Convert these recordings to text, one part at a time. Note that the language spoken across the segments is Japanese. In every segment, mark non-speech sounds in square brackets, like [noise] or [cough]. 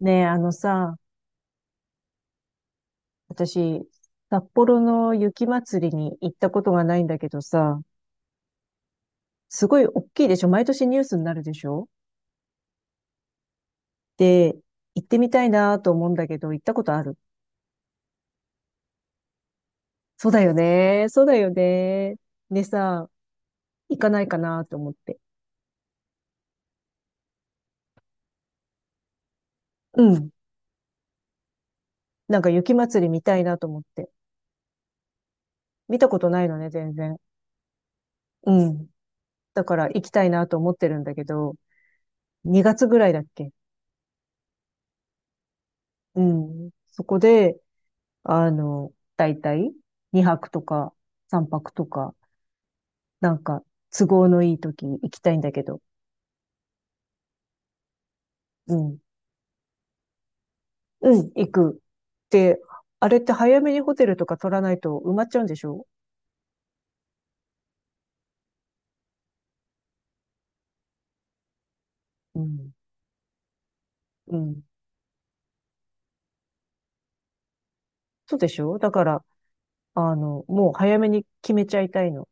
ねえ、あのさ、私、札幌の雪まつりに行ったことがないんだけどさ、すごい大きいでしょ？毎年ニュースになるでしょ？で、行ってみたいなと思うんだけど、行ったことある？そうだよね。そうだよね。でさ、行かないかなと思って。うん。なんか雪まつり見たいなと思って。見たことないのね、全然。うん。だから行きたいなと思ってるんだけど、2月ぐらいだっけ？うん。そこで、だいたい2泊とか3泊とか、なんか都合のいい時に行きたいんだけど、うん、うん、行く。で、あれって早めにホテルとか取らないと埋まっちゃうんでしょ？うん、うん。そうでしょ？だから、もう早めに決めちゃいたいの。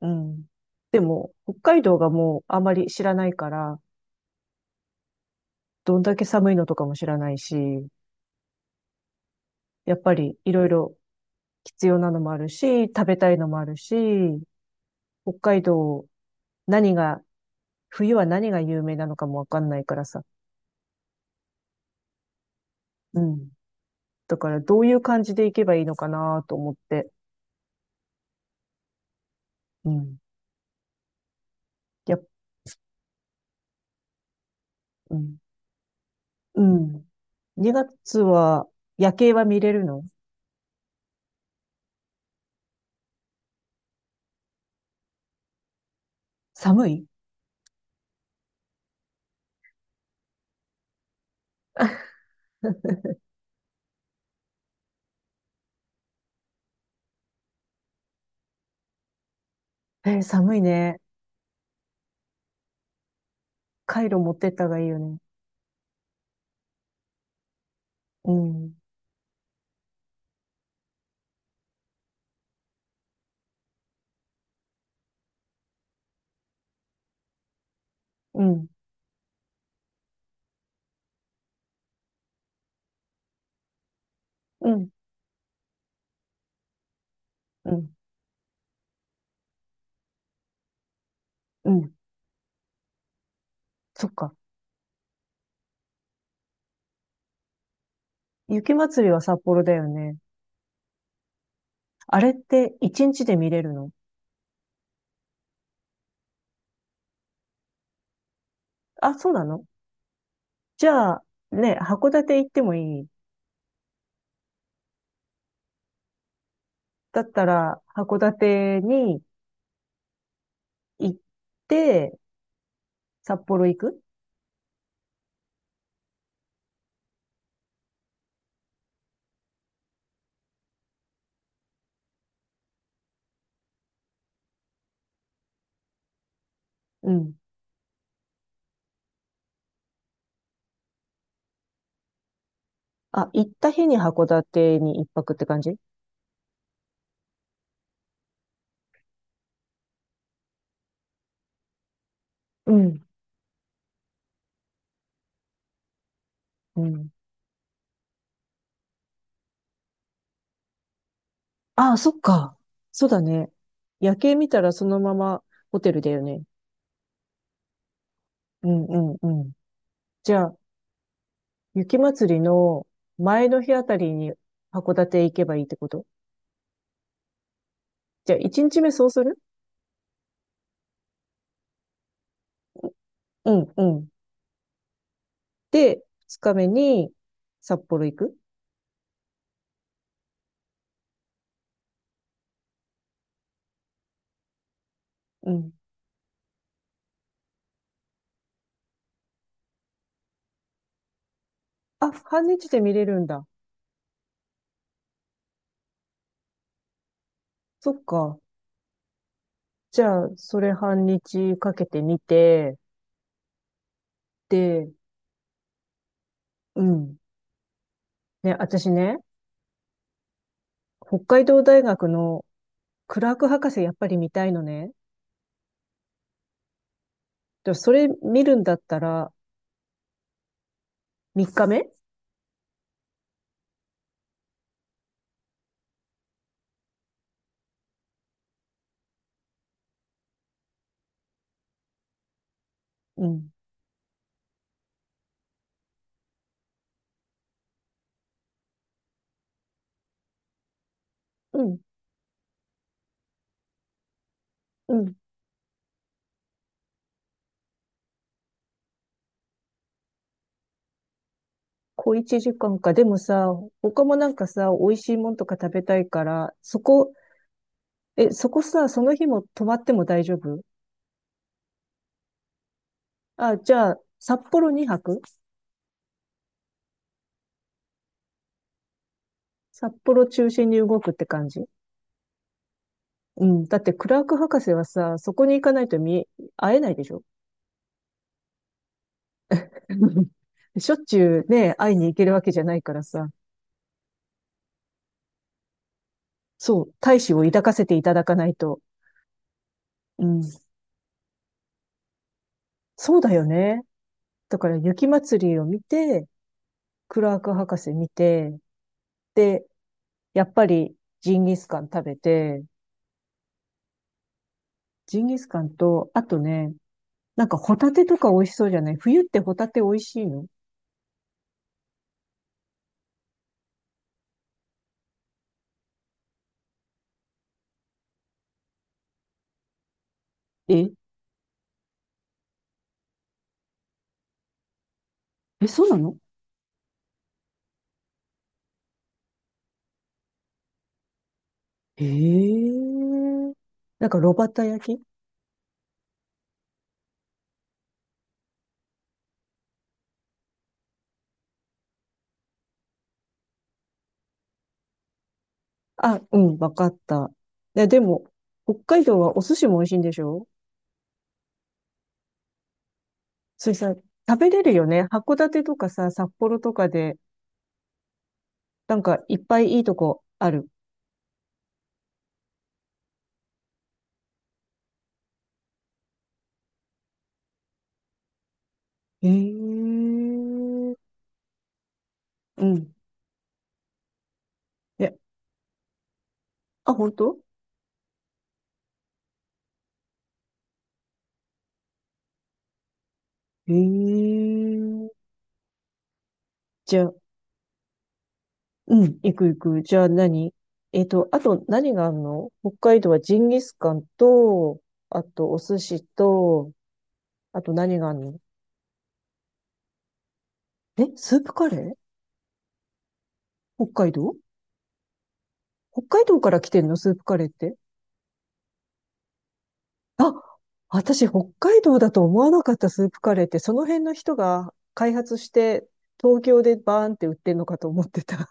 うん。でも、北海道がもうあまり知らないから、どんだけ寒いのとかも知らないし、やっぱりいろいろ必要なのもあるし、食べたいのもあるし、北海道何が、冬は何が有名なのかもわかんないからさ。うん。だからどういう感じで行けばいいのかなと思って。うん。やっ、うん。うん。2月は夜景は見れるの？寒い？えー寒いね。カイロ持ってった方がいいよね。うん。うん。うん。うん。うん。そっか。雪祭りは札幌だよね。あれって1日で見れるの？あ、そうなの？じゃあ、ね、函館行ってもいい？だったら、函館に行って、札幌行く？うん。あ、行った日に函館に一泊って感じ？うん。うん。ああ、そっか。そうだね。夜景見たらそのままホテルだよね。うんうんうん。じゃあ、雪祭りの前の日あたりに函館行けばいいってこと？じゃあ、一日目そうする？うんうん。で、二日目に札幌行く？うん。あ、半日で見れるんだ。そっか。じゃあ、それ半日かけて見て、で、うん。ね、私ね、北海道大学のクラーク博士やっぱり見たいのね。でそれ見るんだったら、3日目？うん。うん。うん。小1時間かんか。でもさ、他もなんかさ、美味しいもんとか食べたいから、そこ、え、そこさ、その日も泊まっても大丈夫？あ、じゃあ、札幌2泊？札幌中心に動くって感じ？うん。だってクラーク博士はさ、そこに行かないと見、会えないでしょ？ [laughs] しょっちゅうね、会いに行けるわけじゃないからさ。そう、大志を抱かせていただかないと。うん。そうだよね。だから雪祭りを見て、クラーク博士見て、で、やっぱりジンギスカン食べて、ジンギスカンと、あとね、なんかホタテとか美味しそうじゃない？冬ってホタテ美味しいの？え、え、そうなの？ええ。なんか、炉端焼き？あ、うん、わかった。いや、でも、北海道はお寿司も美味しいんでしょ？それさ、食べれるよね。函館とかさ、札幌とかで、なんかいっぱいいいとこある。ええー。うん。え、あ、本当？ええー。じゃあ、うん、行く行く。じゃあ何？あと何があるの？北海道はジンギスカンと、あとお寿司と、あと何があるの？え、スープカレー？北海道？北海道から来てんの？スープカレーって。あ、私、北海道だと思わなかった。スープカレーって、その辺の人が開発して、東京でバーンって売ってんのかと思ってた。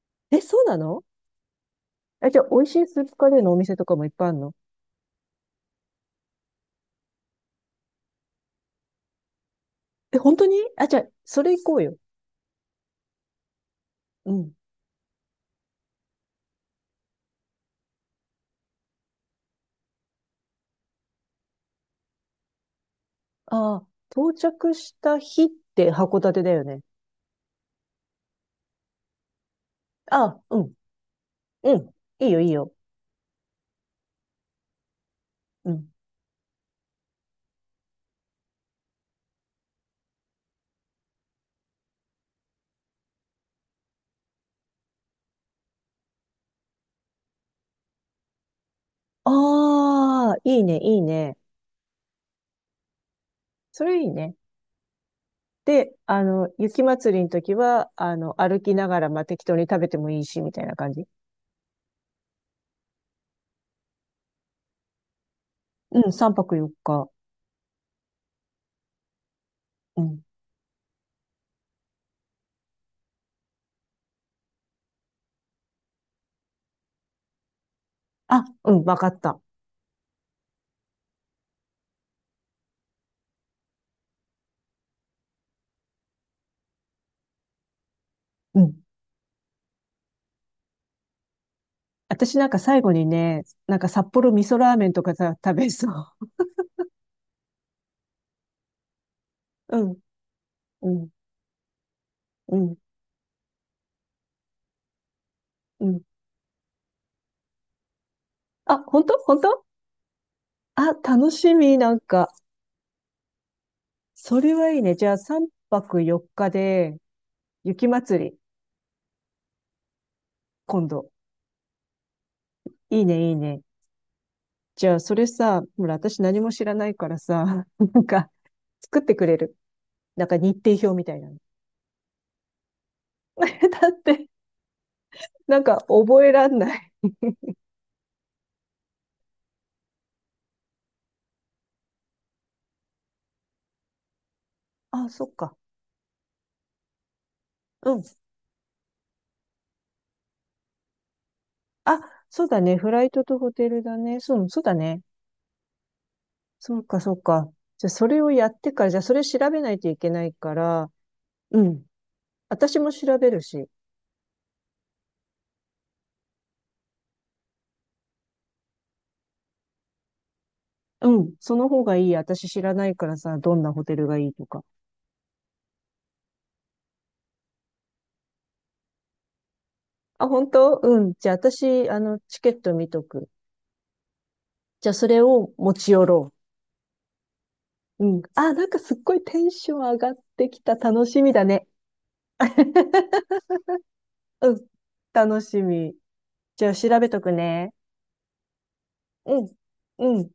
[laughs] え、そうなの？あじゃあ、美味しいスープカレーのお店とかもいっぱいあるの？え、本当に？あ、じゃあ、それ行こうよ。うん。ああ、到着した日って函館だよね。ああ、うん、うん。いいよ、いいよ。うん。ああ、いいね、いいね。それいいね。で、雪祭りの時は、歩きながら、まあ、適当に食べてもいいし、みたいな感じ。うん、3泊4日。うん。あ、うん、わかった。うん。私なんか最後にね、なんか札幌味噌ラーメンとかさ、食べそう。[laughs] うん、うん、うん、うん。あ、本当本当？あ、楽しみ、なんか。それはいいね。じゃあ3泊4日で、雪祭り、今度。いいね、いいね。じゃあそれさ、ほら、私何も知らないからさ、[laughs] なんか、作ってくれる？なんか日程表みたいなの。[laughs] だって、なんか覚えらんない。あ、そっか。うん。あ、そうだね。フライトとホテルだね。そう、そうだね。そうか、そうか。じゃあ、それをやってから、じゃあ、それ調べないといけないから、うん。私も調べるし。うん。その方がいい。私知らないからさ、どんなホテルがいいとか。あ、本当？うん。じゃあ、私、チケット見とく。じゃあ、それを持ち寄ろう。うん。あ、なんかすっごいテンション上がってきた。楽しみだね。[laughs] うん。楽しみ。じゃあ、調べとくね。うん。うん。